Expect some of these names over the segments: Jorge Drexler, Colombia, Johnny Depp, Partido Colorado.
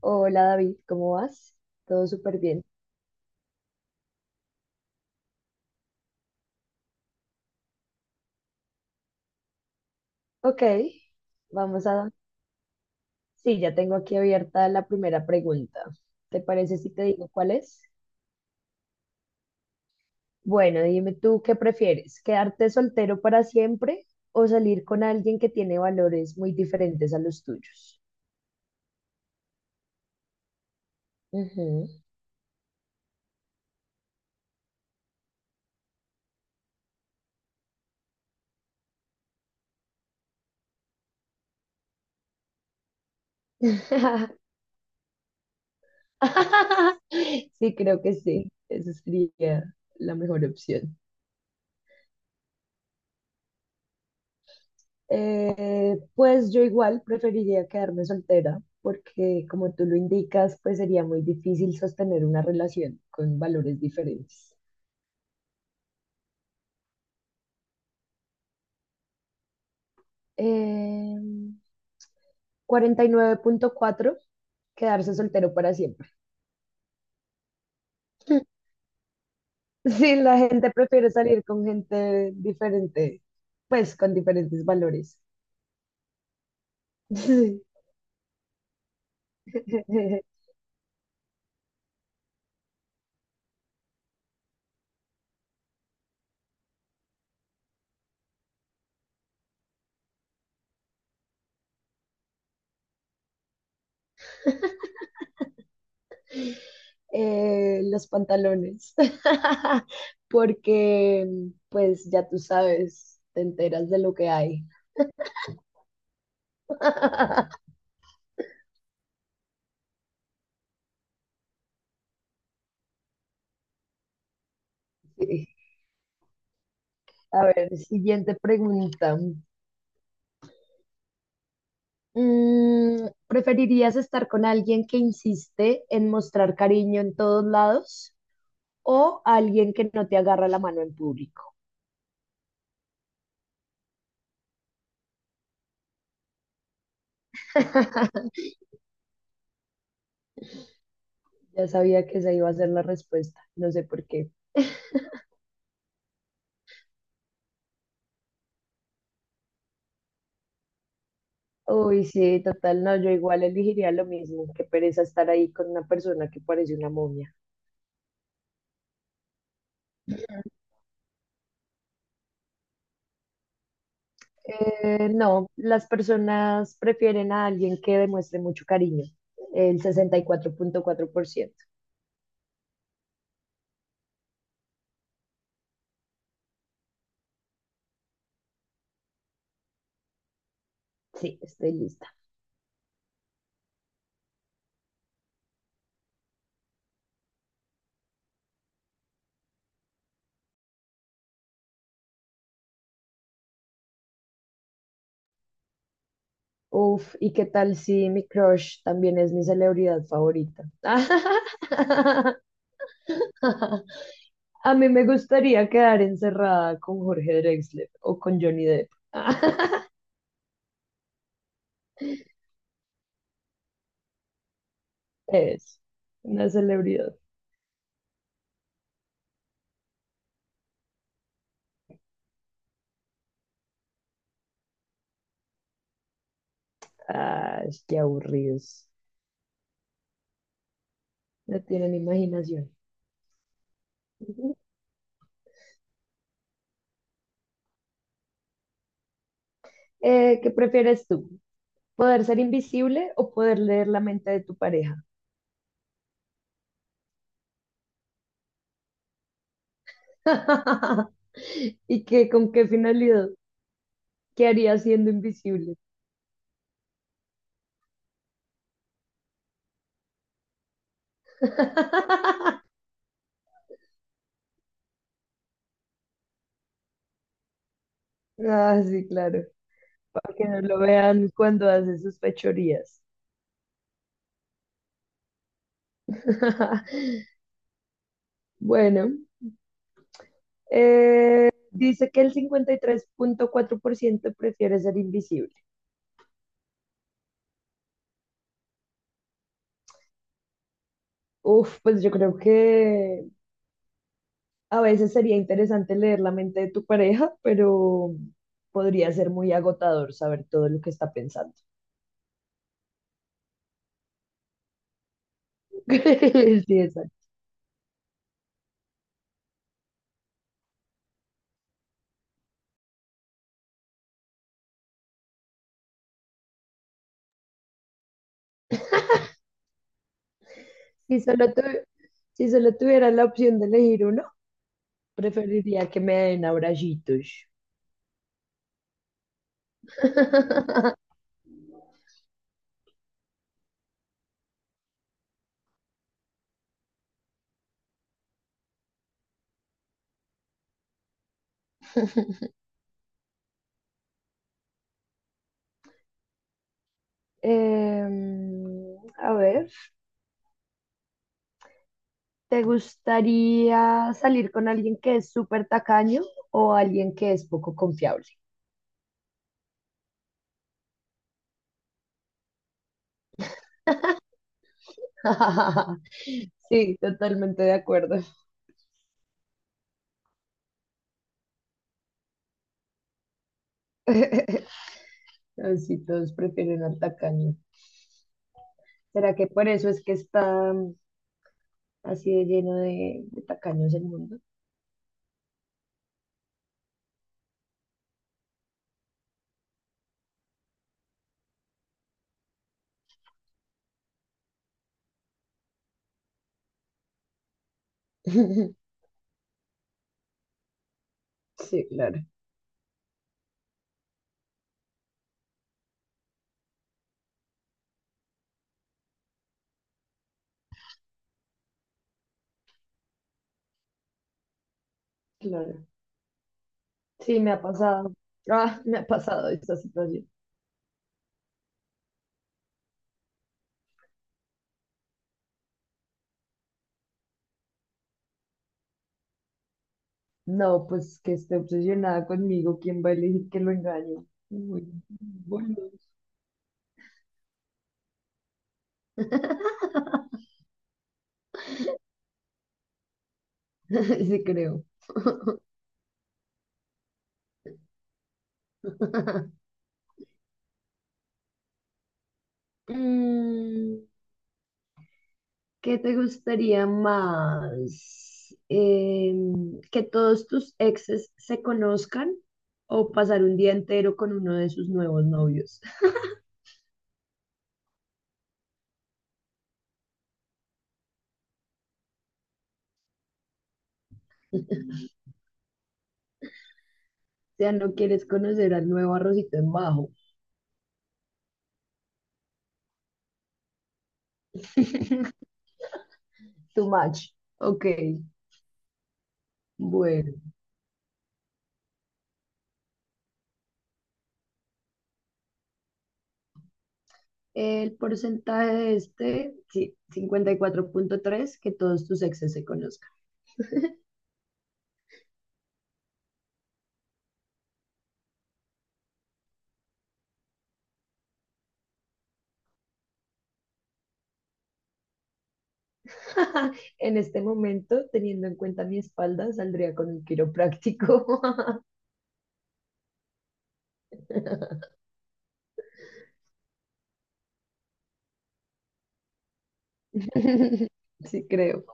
Hola David, ¿cómo vas? Todo súper bien. Ok, vamos a... Sí, ya tengo aquí abierta la primera pregunta. ¿Te parece si te digo cuál es? Bueno, dime tú qué prefieres, quedarte soltero para siempre o salir con alguien que tiene valores muy diferentes a los tuyos. Ujú. Sí, creo que sí. Esa sería la mejor opción. Pues yo igual preferiría quedarme soltera porque como tú lo indicas, pues sería muy difícil sostener una relación con valores diferentes. Eh, 49,4 quedarse soltero para siempre. Sí, la gente prefiere salir con gente diferente, pues con diferentes valores. Sí. Los pantalones, porque pues ya tú sabes, te enteras de lo que hay. Sí. A ver, siguiente pregunta. ¿Preferirías estar con alguien que insiste en mostrar cariño en todos lados o alguien que no te agarra la mano en público? Ya sabía que esa iba a ser la respuesta, no sé por qué. Uy, sí, total, no, yo igual elegiría lo mismo, qué pereza estar ahí con una persona que parece una momia. No, las personas prefieren a alguien que demuestre mucho cariño, el 64 4,4%. Sí, estoy lista. Uf, ¿y qué tal si mi crush también es mi celebridad favorita? A mí me gustaría quedar encerrada con Jorge Drexler o con Johnny Depp. Es una celebridad. Ay, qué aburridos. No tienen imaginación. Ujú. ¿Qué prefieres tú? ¿Poder ser invisible o poder leer la mente de tu pareja? ¿Y qué, con qué finalidad? ¿Qué harías siendo invisible? Ah, sí, claro. Para que no lo vean cuando hace sus fechorías. Bueno, dice que el 53.4% prefiere ser invisible. Uf, pues yo creo que a veces sería interesante leer la mente de tu pareja, pero podría ser muy agotador saber todo lo que está pensando. Sí, exacto. Si solo tu- si solo tuvieras la opción de elegir uno, preferiría que me den abrayitos. A ver, ¿te gustaría salir con alguien que es súper tacaño o alguien que es poco confiable? Sí, totalmente de acuerdo. Así todos prefieren al tacaño. ¿Será que por eso es que está así de lleno de tacaños el mundo? Sí, claro. Claro. Sí, me ha pasado. Ah, me ha pasado esta situación. No, pues que esté obsesionada conmigo, ¿quién va a elegir que lo engañe? Uy, bueno. Sí, creo. Mm, ¿qué te gustaría más? ¿Que todos tus exes se conozcan o pasar un día entero con uno de sus nuevos novios? O sea, no quieres conocer al nuevo arrocito en bajo. Too much. Ok, bueno. El porcentaje de este, sí, 54,3 que todos tus exes se conozcan. En este momento, teniendo en cuenta mi espalda, saldría con un quiropráctico. Sí, creo.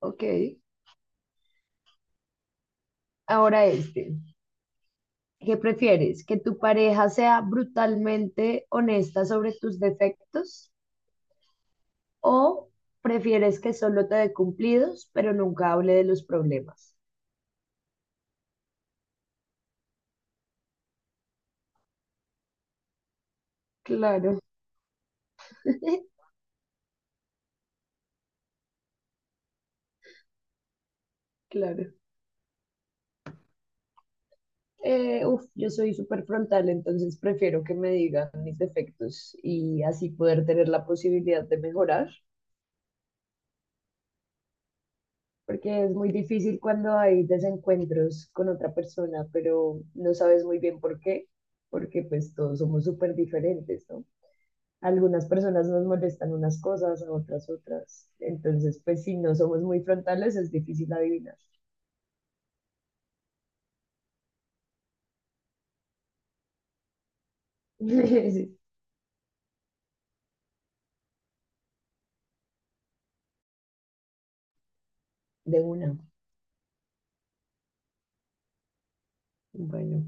Ok. Ahora este. ¿Qué prefieres? ¿Que tu pareja sea brutalmente honesta sobre tus defectos o prefieres que solo te dé cumplidos, pero nunca hable de los problemas? Claro. Claro. Uf, yo soy súper frontal, entonces prefiero que me digan mis defectos y así poder tener la posibilidad de mejorar, porque es muy difícil cuando hay desencuentros con otra persona, pero no sabes muy bien por qué, porque pues todos somos súper diferentes, ¿no? Algunas personas nos molestan unas cosas, a otras otras. Entonces, pues si no somos muy frontales, es difícil adivinar. Sí, de una. Bueno,